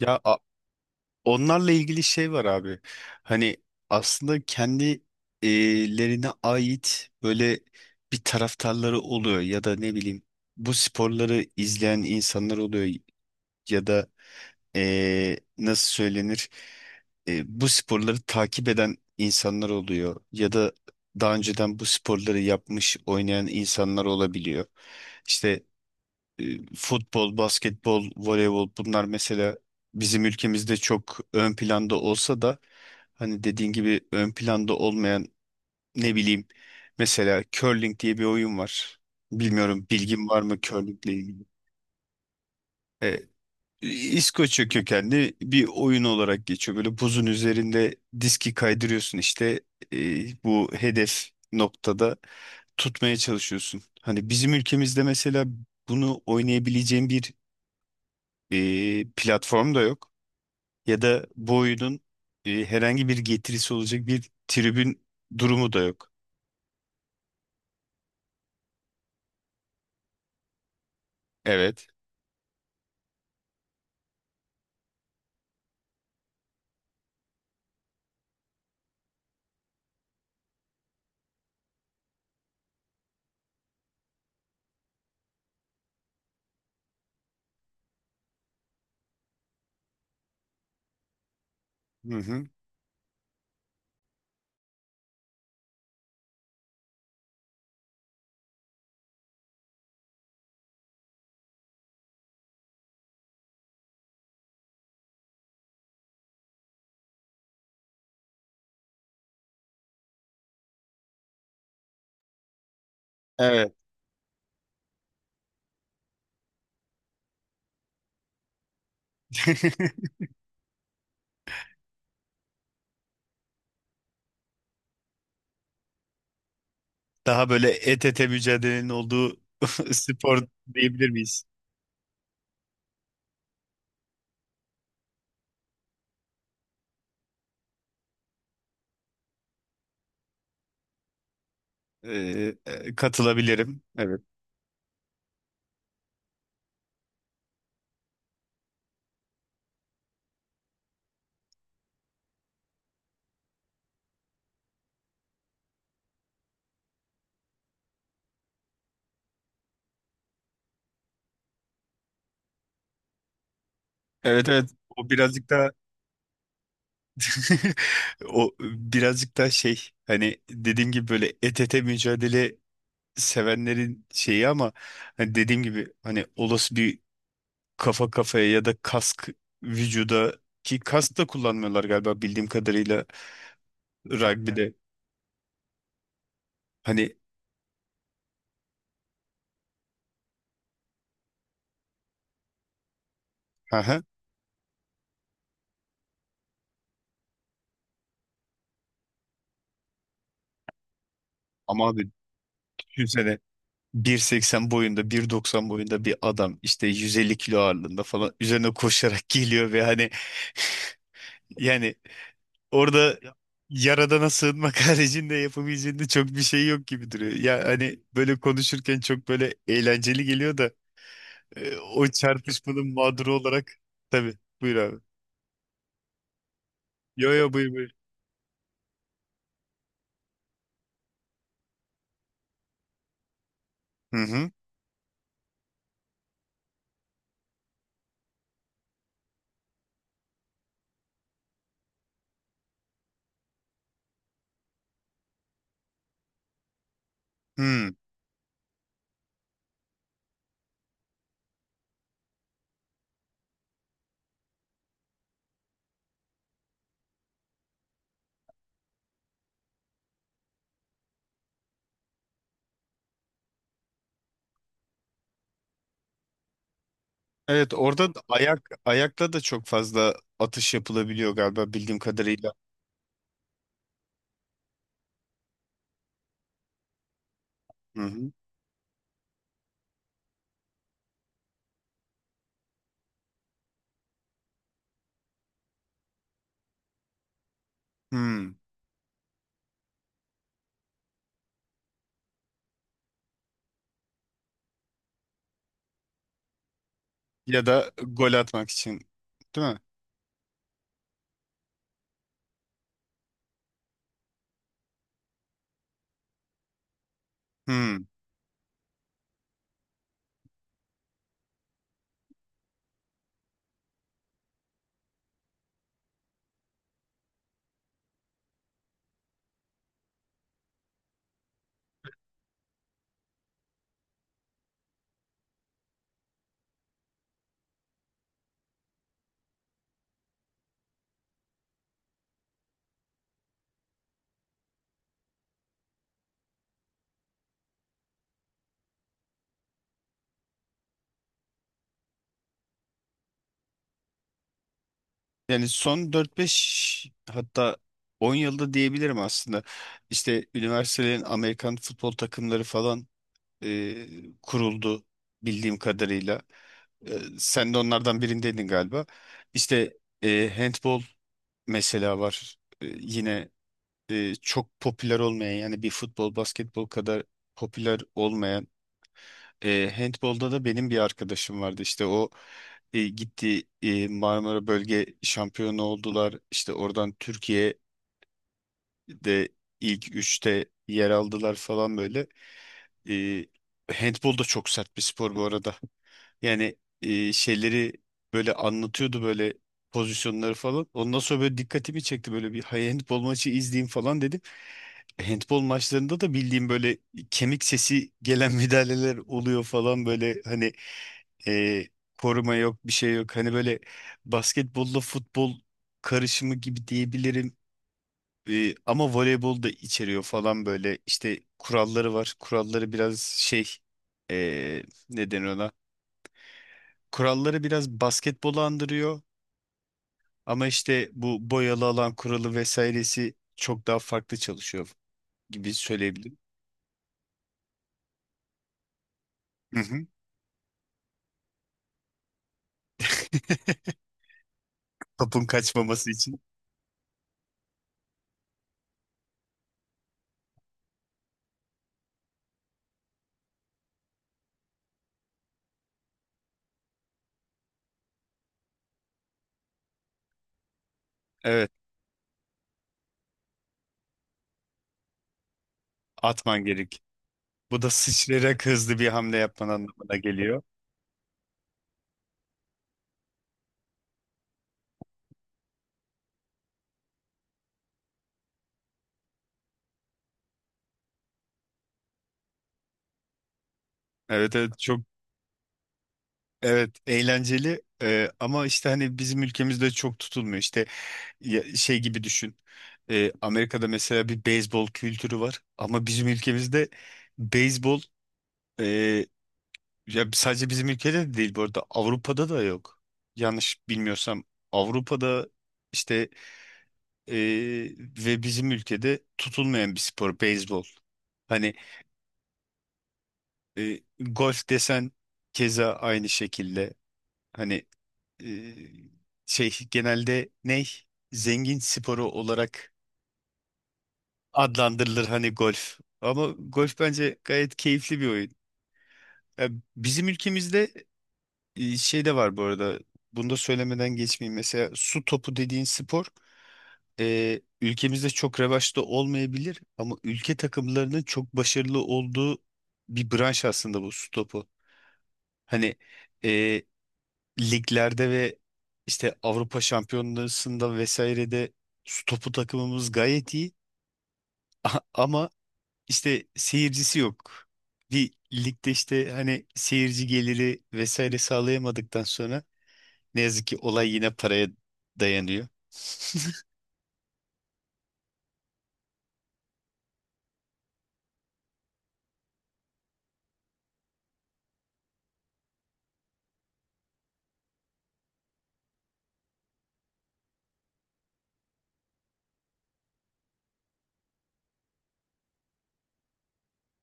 Ya onlarla ilgili şey var abi. Hani aslında kendi lerine ait böyle bir taraftarları oluyor ya da ne bileyim bu sporları izleyen insanlar oluyor ya da nasıl söylenir, bu sporları takip eden insanlar oluyor ya da daha önceden bu sporları yapmış oynayan insanlar olabiliyor. İşte e, futbol, basketbol, voleybol bunlar mesela bizim ülkemizde çok ön planda olsa da, hani dediğin gibi ön planda olmayan, ne bileyim, mesela curling diye bir oyun var. Bilmiyorum, bilgin var mı curlingle ilgili? E, İskoçya kökenli bir oyun olarak geçiyor. Böyle buzun üzerinde diski kaydırıyorsun, işte bu hedef noktada tutmaya çalışıyorsun. Hani bizim ülkemizde mesela bunu oynayabileceğin bir platform da yok. Ya da bu oyunun herhangi bir getirisi olacak bir tribün durumu da yok. Evet. Hı hı. Evet. Daha böyle et ete mücadelenin olduğu spor diyebilir miyiz? Katılabilirim. Evet. Evet, evet. O birazcık daha o birazcık daha şey, hani dediğim gibi, böyle et ete mücadele sevenlerin şeyi, ama hani dediğim gibi, hani olası bir kafa kafaya ya da kask vücuda, ki kask da kullanmıyorlar galiba bildiğim kadarıyla rugby'de. Hani, aha, ama abi, düşünsene, 1,80 boyunda, 1,90 boyunda bir adam, işte 150 kilo ağırlığında falan, üzerine koşarak geliyor ve hani, yani, orada yaradana sığınmak haricinde yapabileceğinde çok bir şey yok gibi duruyor. Ya hani böyle konuşurken çok böyle eğlenceli geliyor da, o çarpışmanın mağduru olarak. Tabii, buyur abi. Yo yo, buyur buyur. Hı hı. Hmm. Evet, orada da ayakla da çok fazla atış yapılabiliyor galiba bildiğim kadarıyla. Hı hı. Hmm. Ya da gol atmak için, değil mi? Hmm. Yani son dört beş, hatta 10 yılda diyebilirim aslında. İşte üniversitelerin Amerikan futbol takımları falan e, kuruldu bildiğim kadarıyla. E, sen de onlardan birindeydin galiba. İşte handball mesela var. Yine çok popüler olmayan, yani bir futbol basketbol kadar popüler olmayan. Handbolda da benim bir arkadaşım vardı, işte o gitti, Marmara Bölge şampiyonu oldular, işte oradan Türkiye'de ilk üçte yer aldılar falan böyle. E, handbol da çok sert bir spor bu arada, yani şeyleri böyle anlatıyordu, böyle pozisyonları falan. Ondan sonra böyle dikkatimi çekti, böyle bir "Hay, handbol maçı izleyeyim" falan dedim. Handbol maçlarında da bildiğim böyle kemik sesi gelen müdahaleler oluyor falan, böyle hani, e, koruma yok, bir şey yok. Hani böyle basketbolla futbol karışımı gibi diyebilirim. Ama voleybol da içeriyor falan, böyle işte kuralları var. Kuralları biraz şey, e, ne denir ona? Kuralları biraz basketbolu andırıyor, ama işte bu boyalı alan kuralı vesairesi çok daha farklı çalışıyor gibi söyleyebilirim. Hı hı. Topun kaçmaması için. Evet, atman gerek. Bu da sıçrayarak hızlı bir hamle yapman anlamına geliyor. Evet, evet, çok. Evet, eğlenceli. Ama işte hani bizim ülkemizde çok tutulmuyor. İşte şey gibi düşün. Amerika'da mesela bir beyzbol kültürü var ama bizim ülkemizde beyzbol, e, ya sadece bizim ülkede de değil bu arada, Avrupa'da da yok. Yanlış bilmiyorsam Avrupa'da, işte. Ee, ve bizim ülkede tutulmayan bir spor beyzbol. Hani golf desen keza aynı şekilde, hani e, şey, genelde ne, zengin sporu olarak adlandırılır hani golf. Ama golf bence gayet keyifli bir oyun. Ya bizim ülkemizde şey de var bu arada. Bunu da söylemeden geçmeyeyim. Mesela su topu dediğin spor ülkemizde çok revaçta olmayabilir, ama ülke takımlarının çok başarılı olduğu bir branş aslında bu su topu. Hani e, liglerde ve işte Avrupa Şampiyonası'nda vesairede su topu takımımız gayet iyi, ama işte seyircisi yok. Bir ligde işte hani seyirci geliri vesaire sağlayamadıktan sonra, ne yazık ki olay yine paraya dayanıyor.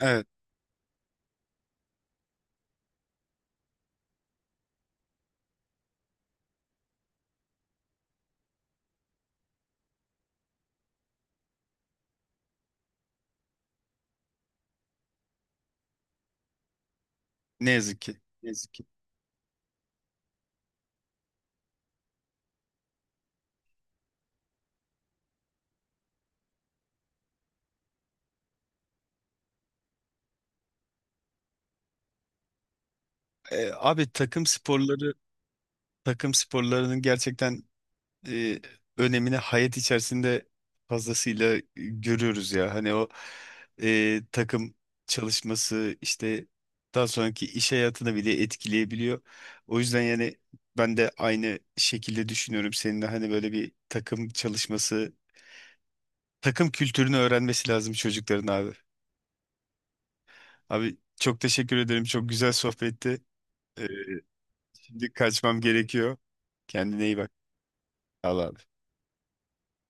Evet. Ne yazık ki. Ne yazık ki. Abi, takım sporlarının gerçekten e, önemini hayat içerisinde fazlasıyla görüyoruz ya. Hani o takım çalışması işte daha sonraki iş hayatını bile etkileyebiliyor. O yüzden yani ben de aynı şekilde düşünüyorum seninle. Hani böyle bir takım çalışması, takım kültürünü öğrenmesi lazım çocukların abi. Abi, çok teşekkür ederim. Çok güzel sohbetti. Ee, Şimdi kaçmam gerekiyor. Kendine iyi bak. Allah.